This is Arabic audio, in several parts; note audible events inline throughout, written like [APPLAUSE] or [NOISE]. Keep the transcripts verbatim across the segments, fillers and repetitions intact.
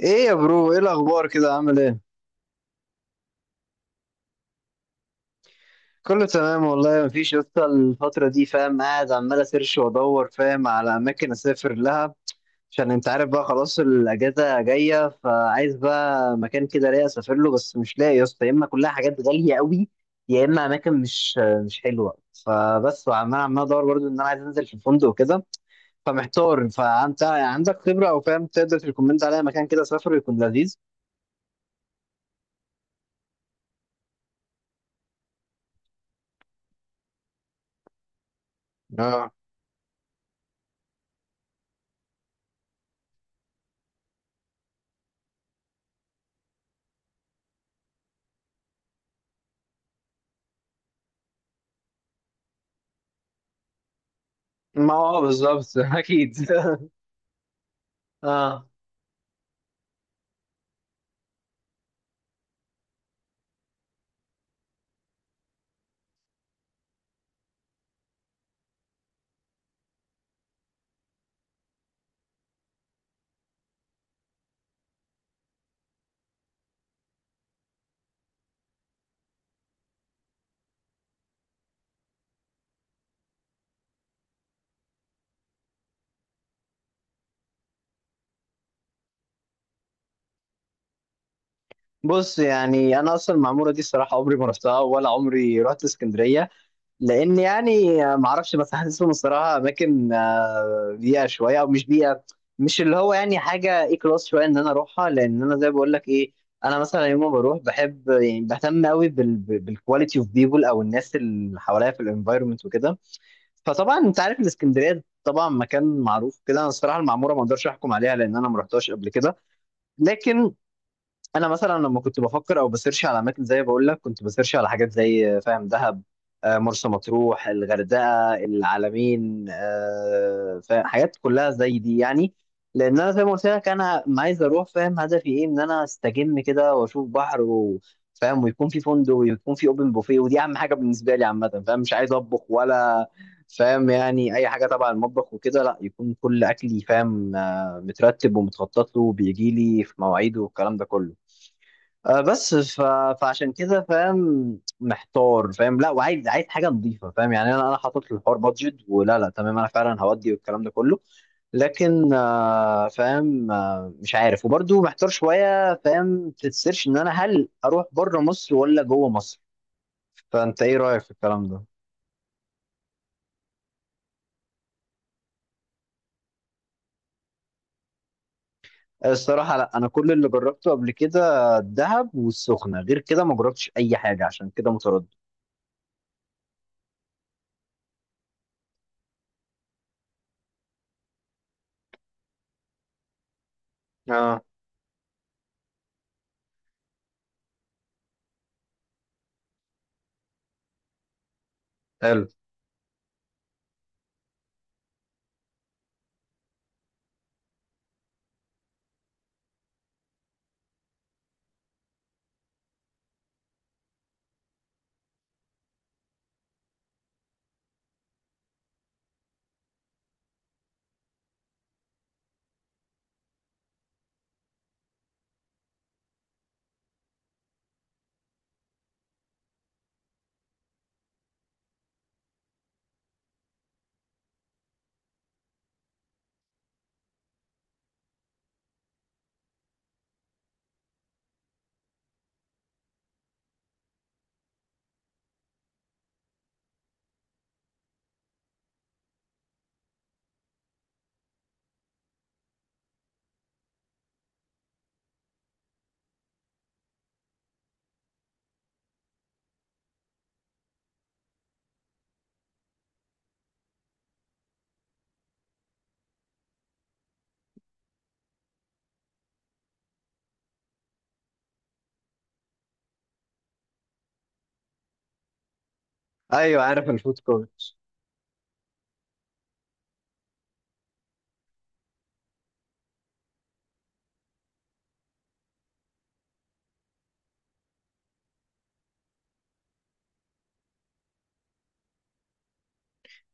ايه يا برو، ايه الاخبار؟ كده عامل ايه؟ كله تمام والله. مفيش لسه الفتره دي، فاهم، قاعد عمال اسيرش وادور، فاهم، على اماكن اسافر لها. عشان انت عارف بقى، خلاص الاجازه جايه، فعايز بقى مكان كده ليا اسافر له، بس مش لاقي يا اسطى. يا اما كلها حاجات غاليه قوي، يا اما اماكن مش مش حلوه. فبس، وعمال عمال ادور برضه ان انا عايز انزل في فندق وكده. فمحتار، فانت عندك خبره او فاهم، تقدر تريكومند عليا مكان كده اسافر يكون لذيذ؟ اه، ما هو بالظبط [LAUGHS] اكيد [LAUGHS] اه، بص يعني انا اصلا المعموره دي الصراحه عمري ما رحتها، ولا عمري رحت اسكندريه. لان يعني آه، ما اعرفش، بس حاسسهم الصراحه اماكن آه، بيئه شويه او مش بيئه، مش اللي هو يعني حاجه اي كلاس شويه ان انا اروحها، لان انا زي بقول لك ايه، انا مثلا يوم ما بروح بحب يعني بهتم قوي بالكواليتي اوف بيبول، او الناس اللي حواليا في الانفايرمنت وكده. فطبعا انت عارف الاسكندريه طبعا مكان معروف كده. انا الصراحه المعموره ما اقدرش احكم عليها لان انا ما رحتهاش قبل كده. لكن، انا مثلا لما كنت بفكر او بسيرش على اماكن، زي بقول لك كنت بسيرش على حاجات زي فاهم دهب، آه، مرسى مطروح، الغردقه، العلمين، آه، فاهم، حاجات كلها زي دي يعني. لان انا زي ما قلت لك، انا ما عايز اروح، فاهم، هدفي ايه ان انا استجم كده واشوف بحر وفاهم، ويكون في فندق ويكون في اوبن بوفيه، ودي اهم حاجه بالنسبه لي عامه. فاهم، مش عايز اطبخ ولا فاهم يعني اي حاجه تبع المطبخ وكده، لا يكون كل اكلي فاهم آه، مترتب ومتخطط له وبيجي لي في مواعيده والكلام ده كله. آه، بس ف... فعشان كده فاهم محتار، فاهم لا، وعايز عايز حاجه نظيفه، فاهم يعني انا انا حاطط للحوار بادجت ولا لا، تمام انا فعلا هودي والكلام ده كله. لكن آه، فاهم، آه، مش عارف، وبرضو محتار شويه فاهم في السيرش ان انا هل اروح بره مصر ولا جوه مصر؟ فانت ايه رايك في الكلام ده؟ الصراحه لا، انا كل اللي جربته قبل كده الدهب والسخنه، غير كده ما جربتش اي حاجه، عشان كده متردد. اه، حلو. ايوه، عارف الفود كورت.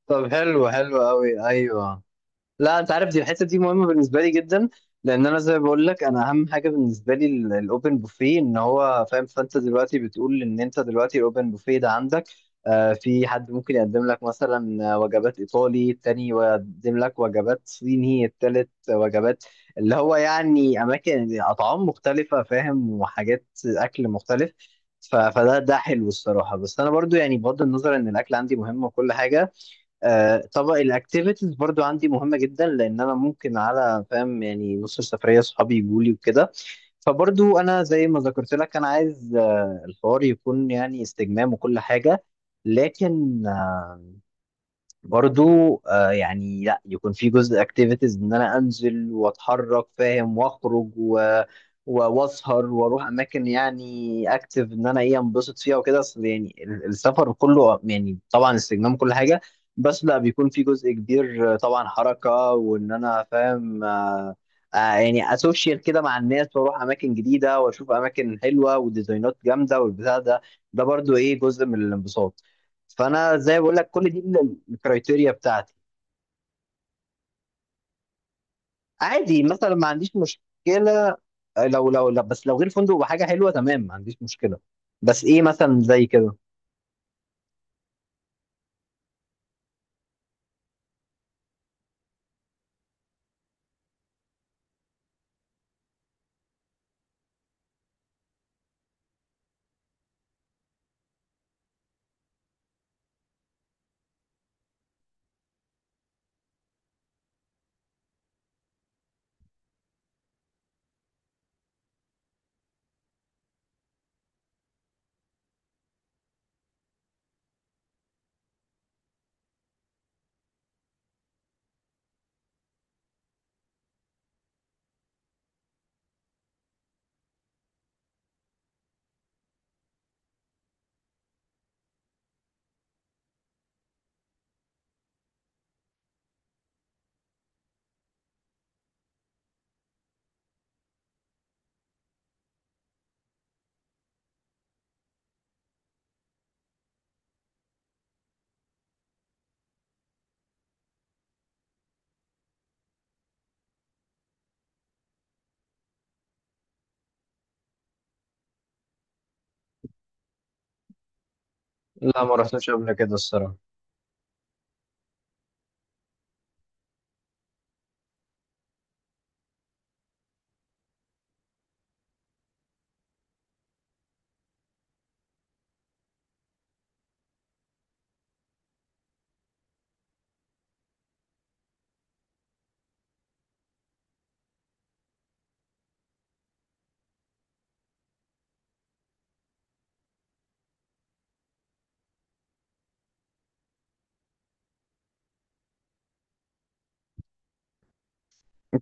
طب حلو حلو قوي، ايوه. لا، انت عارف دي الحته دي مهمه بالنسبه لي جدا. لان انا زي ما بقول لك، انا اهم حاجه بالنسبه لي الاوبن بوفيه. ان هو فاهم، فانت دلوقتي بتقول ان انت دلوقتي الاوبن بوفيه ده عندك آه في حد ممكن يقدم لك مثلا آه، وجبات ايطالي، التاني يقدم لك وجبات صيني، التالت وجبات اللي هو يعني اماكن اطعام مختلفه، فاهم، وحاجات اكل مختلف. ف- فده ده حلو الصراحه، بس انا برضو يعني بغض النظر ان الاكل عندي مهم وكل حاجه، آه، طبعا الاكتيفيتيز برضو عندي مهمه جدا، لان انا ممكن على فاهم يعني نص السفريه اصحابي يجوا لي وكده. فبرضو انا زي ما ذكرت لك، انا عايز آه، الحوار يكون يعني استجمام وكل حاجه. لكن، برضو آه يعني لا يكون في جزء اكتيفيتيز ان انا انزل واتحرك فاهم واخرج و و- واسهر واروح اماكن، يعني اكتف ان انا ايه انبسط فيها وكده، اصل يعني ال- السفر كله يعني طبعا استجمام كل حاجه. بس لا، بيكون في جزء كبير آه، طبعا حركه وان انا فاهم آه آه يعني اسوشيال كده مع الناس واروح اماكن جديده واشوف اماكن حلوه وديزاينات جامده والبتاع ده، ده برضو ايه جزء من الانبساط. فانا زي ما بقول لك كل دي الكرايتيريا بتاعتي. عادي مثلا، ما عنديش مشكله، آه، لو لو لا، بس لو غير فندق وحاجه حلوه تمام ما عنديش مشكله، بس ايه مثلا زي كده؟ لا، ما رحتش قبل كده الصراحه.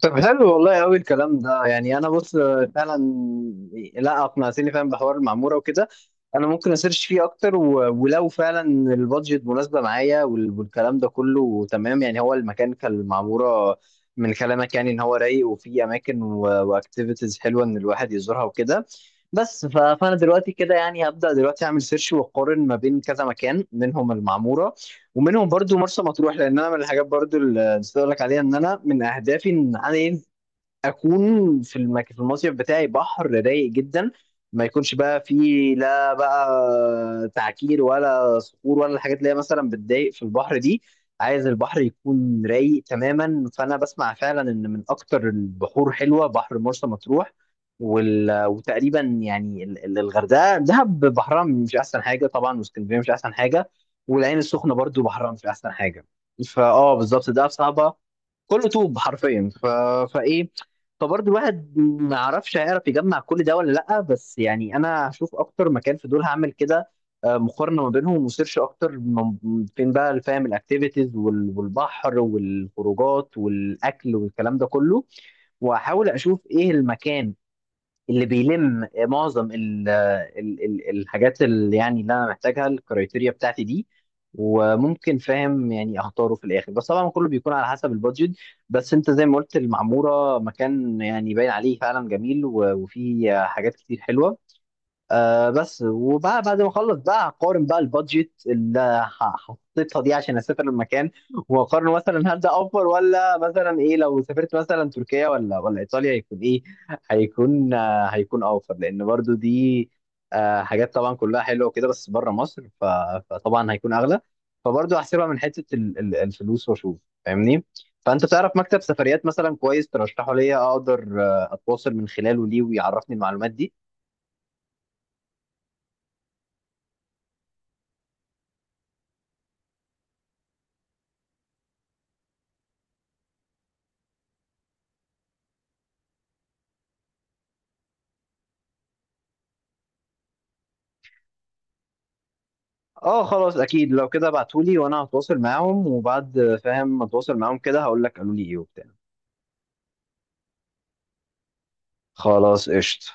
طب حلو والله قوي الكلام ده، يعني انا بص، فعلا، لا، اقنعتني فعلا بحوار المعموره وكده. انا ممكن اسيرش فيه اكتر و... ولو فعلا البادجت مناسبه معايا وال... والكلام ده كله تمام، يعني هو المكان كالمعموره من كلامك، يعني ان هو رايق وفيه اماكن و... واكتيفيتيز حلوه ان الواحد يزورها وكده. بس ف... فانا دلوقتي كده يعني هبدا دلوقتي اعمل سيرش واقارن ما بين كذا مكان، منهم المعموره، ومنهم برضو مرسى مطروح، لان انا من الحاجات برضو اللي نسيت اقول لك عليها ان انا من اهدافي ان انا ايه اكون في المك... في المصيف بتاعي بحر رايق جدا. ما يكونش بقى فيه لا بقى تعكير ولا صخور ولا الحاجات اللي هي مثلا بتضايق في البحر دي، عايز البحر يكون رايق تماما. فانا بسمع فعلا ان من اكتر البحور حلوه بحر مرسى مطروح، وال... وتقريبا يعني ال- ال- الغردقه، دهب بحرها مش احسن حاجه طبعا، واسكندريه مش احسن حاجه، والعين السخنه برضو بحرها مش احسن حاجه. فاه، بالظبط ده صعبه. كله طوب حرفيا ف... فايه، فبرضه الواحد ما يعرفش هيعرف يجمع كل ده ولا لأ، بس يعني أنا هشوف أكتر مكان في دول هعمل كده، آه، مقارنة ما بينهم وسيرش أكتر من- فين بقى فاهم الأكتيفيتيز وال- والبحر والخروجات والأكل والكلام ده كله. وأحاول أشوف إيه المكان اللي بيلم معظم ال ال ال الحاجات اللي يعني اللي انا محتاجها، الكرايتيريا بتاعتي دي. وممكن فاهم يعني اختاره في الاخر، بس طبعا كله بيكون على حسب البادجت. بس انت زي ما قلت، المعموره مكان يعني باين عليه فعلا جميل، و- وفيه حاجات كتير حلوه. آه بس وبقى بعد ما اخلص بقى هقارن بقى البادجت اللي ح- حطيتها دي عشان اسافر المكان، واقارن مثلا هل ده اوفر، ولا مثلا ايه لو سافرت مثلا تركيا ولا ولا ايطاليا، هيكون ايه؟ هيكون آه هيكون اوفر لان برضو دي آه حاجات طبعا كلها حلوه وكده، بس بره مصر ف- فطبعا هيكون اغلى. فبرضو هحسبها من حته ال- ال- الفلوس واشوف. فاهمني؟ فانت تعرف مكتب سفريات مثلا كويس ترشحه ليا، اقدر آه، اتواصل من خلاله ليه ويعرفني المعلومات دي؟ اه خلاص، اكيد لو كده ابعتولي وانا هتواصل معاهم، وبعد فاهم ما اتواصل معاهم كده هقول لك قالوا لي ايه وبتاع. خلاص، قشطة.